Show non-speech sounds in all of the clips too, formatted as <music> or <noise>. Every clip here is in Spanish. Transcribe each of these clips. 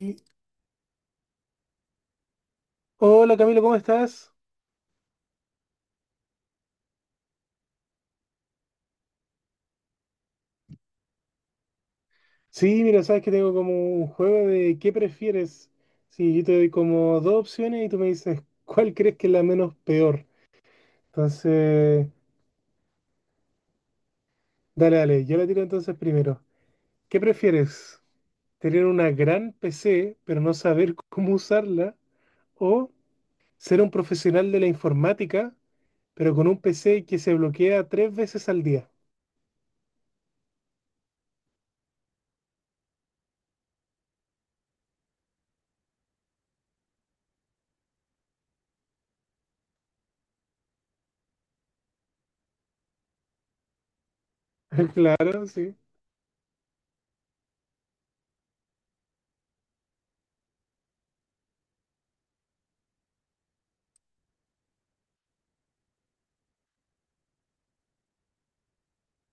Y- Hola Camilo, ¿cómo estás? Sí, mira, sabes que tengo como un juego de ¿qué prefieres? Sí, yo te doy como dos opciones y tú me dices cuál crees que es la menos peor. Entonces, dale, yo la tiro entonces primero. ¿Qué prefieres? ¿Tener una gran PC pero no saber <laughs> cómo usarla? ¿O ser un profesional de la informática pero con un PC que se bloquea tres veces al día? <laughs> Claro, sí.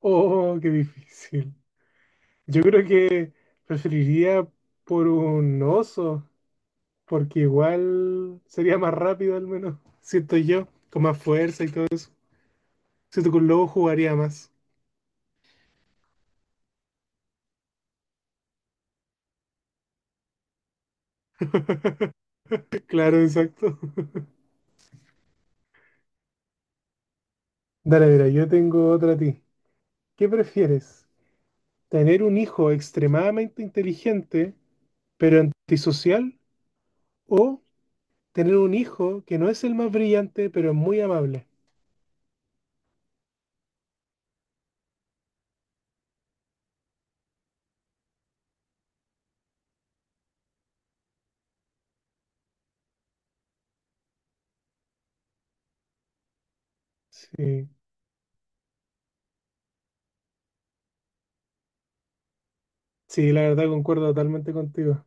Oh, qué difícil. Yo creo que preferiría por un oso, porque igual sería más rápido al menos, siento yo, con más fuerza y todo eso. Siento que un lobo jugaría más. Claro, exacto. <laughs> Dale, mira, yo tengo otra a ti. ¿Qué prefieres? ¿Tener un hijo extremadamente inteligente, pero antisocial? ¿O tener un hijo que no es el más brillante, pero es muy amable? Sí, sí, la verdad concuerdo totalmente contigo. <laughs>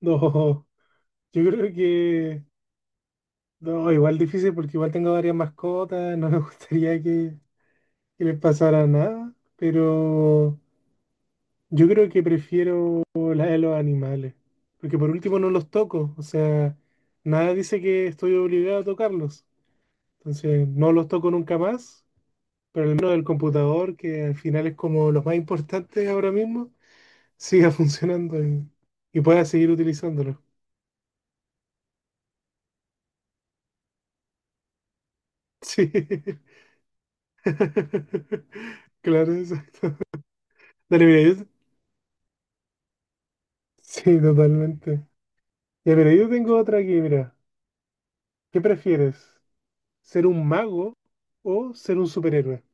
No, yo creo que... No, igual difícil porque igual tengo varias mascotas, no me <laughs> gustaría que les pasara nada, pero yo creo que prefiero la de los animales, porque por último no los toco, o sea, nada dice que estoy obligado a tocarlos, entonces no los toco nunca más, pero al menos el computador, que al final es como lo más importante ahora mismo, siga <laughs> y pueda seguir utilizándolo. Sí, <laughs> claro, exacto. Dale, mira, yo, sí, totalmente. Ya, pero yo tengo otra aquí, mira. ¿Qué prefieres? ¿Ser un mago o ser un superhéroe?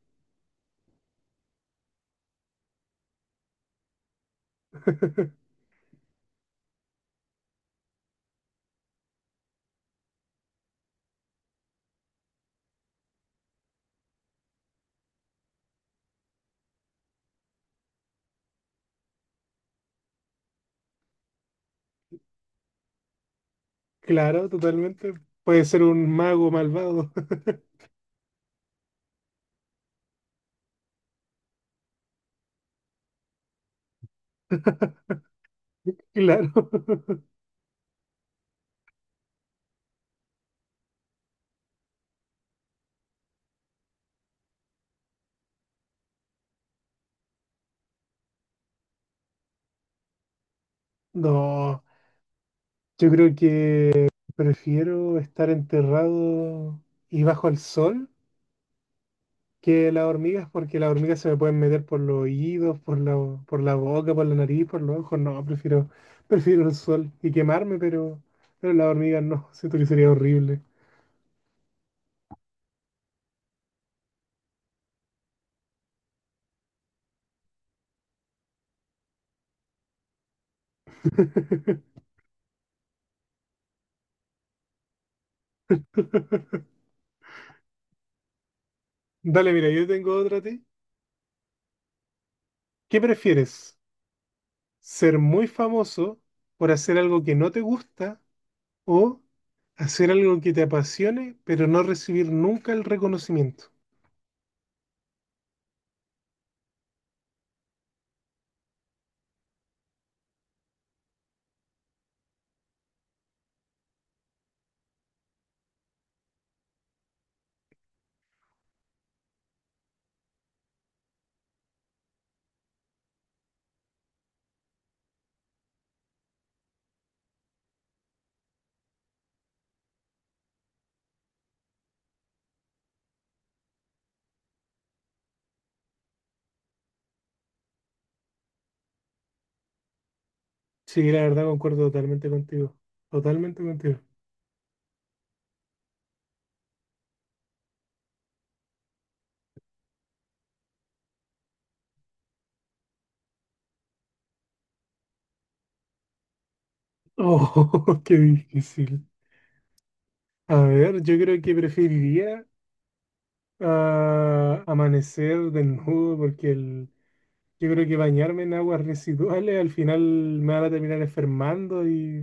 Claro, totalmente. Puede ser un mago malvado. <laughs> Claro. <laughs> No, yo creo que prefiero estar enterrado y bajo el sol que las hormigas, porque las hormigas se me pueden meter por los oídos, por la boca, por la nariz, por los ojos. No, <laughs> prefiero el sol y quemarme, pero las hormigas no. Siento que sería horrible. <laughs> <laughs> Dale, mira, yo tengo otra a ti. ¿Qué prefieres? ¿Ser muy famoso por hacer algo que no te gusta o hacer algo que te apasione, pero no recibir nunca el reconocimiento? Sí, la verdad concuerdo totalmente contigo. Totalmente contigo. Oh, <laughs> qué difícil. A ver, yo creo que preferiría ah, amanecer desnudo porque yo creo que bañarme en aguas residuales al final me van a terminar enfermando y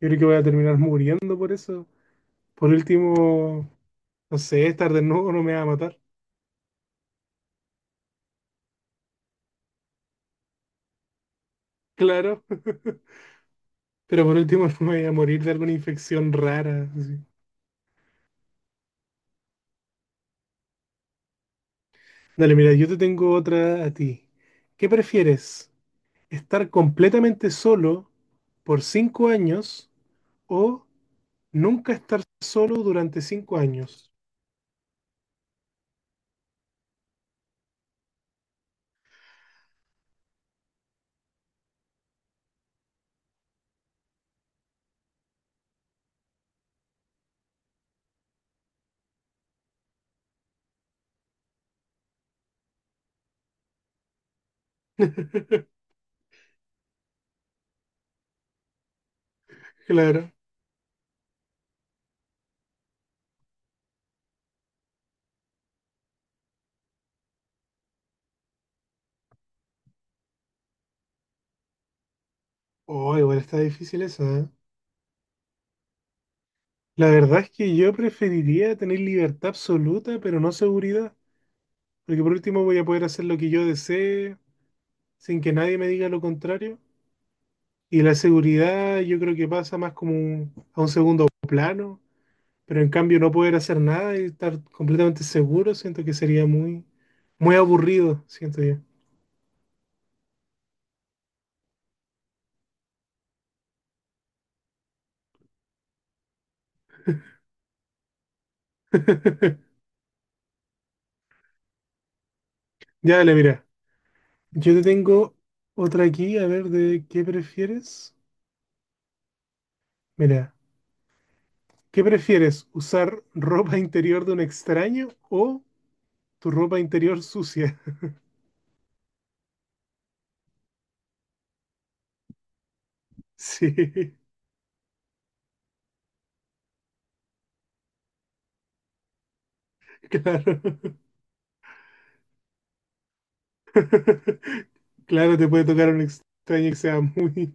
yo creo que voy a terminar muriendo por eso. Por último, no sé, estar desnudo no me va a matar, claro, <laughs> pero por último <laughs> no me voy a morir de alguna infección rara. Así. Dale, mira, yo te tengo otra a ti. ¿Qué prefieres? ¿Estar completamente solo por cinco años o nunca estar solo durante cinco años? <laughs> Claro. Oh, igual está difícil eso. La verdad es que yo preferiría tener libertad absoluta, pero no seguridad, porque por último voy a poder hacer lo que yo desee sin que nadie me diga lo contrario. Y la seguridad yo creo que pasa más como a un segundo plano, pero en cambio no poder hacer nada y estar completamente seguro, siento que sería muy aburrido, siento yo. <laughs> Ya, dale, mira. Yo te tengo otra aquí, a ver, de qué prefieres. Mira, ¿qué prefieres? ¿Usar ropa interior de un extraño o tu ropa interior sucia? Sí, <laughs> claro. <laughs> Claro, te puede tocar un extraño que sea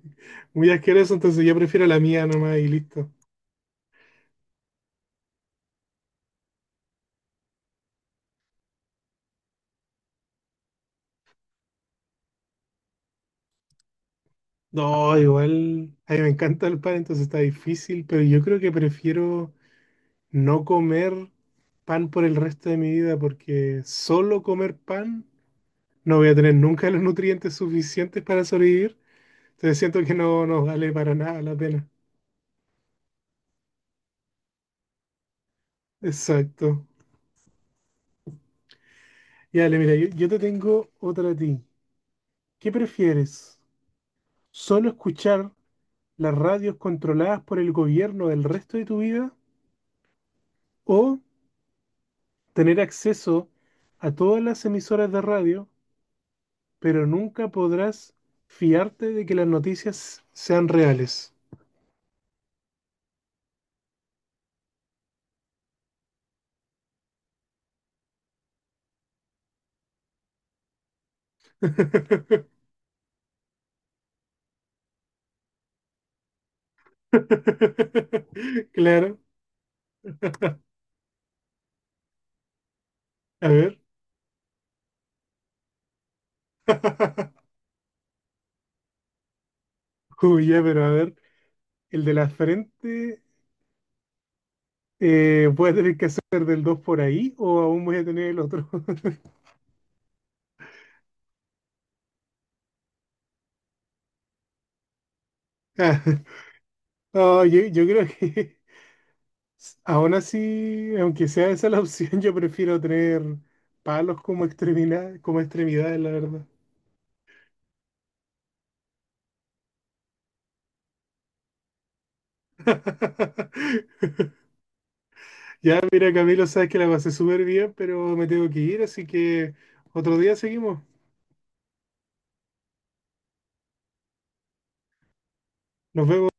muy asqueroso, entonces yo prefiero la mía nomás y listo. No, igual, a mí me encanta el pan, entonces está difícil, pero yo creo que prefiero no comer pan por el resto de mi vida, porque solo comer pan no voy a tener nunca los nutrientes suficientes para sobrevivir, entonces siento que no nos vale para nada la pena. Exacto. Y dale, mira, yo te tengo otra a ti. ¿Qué prefieres? ¿Solo escuchar las radios controladas por el gobierno el resto de tu vida? ¿O tener acceso a todas las emisoras de radio, pero nunca podrás fiarte de que las noticias sean reales? <laughs> Claro, a ver. <laughs> Uy, ya, pero a ver, el de la frente, ¿voy a tener que hacer del 2 por ahí o aún voy a tener el otro? <laughs> Ah, no, yo creo que aún así, aunque sea esa la opción, <laughs> yo prefiero tener palos como extremidad, como extremidades, la verdad. <laughs> Ya, mira, Camilo, sabes que la pasé súper bien, pero me tengo que ir, así que otro día seguimos. Nos vemos.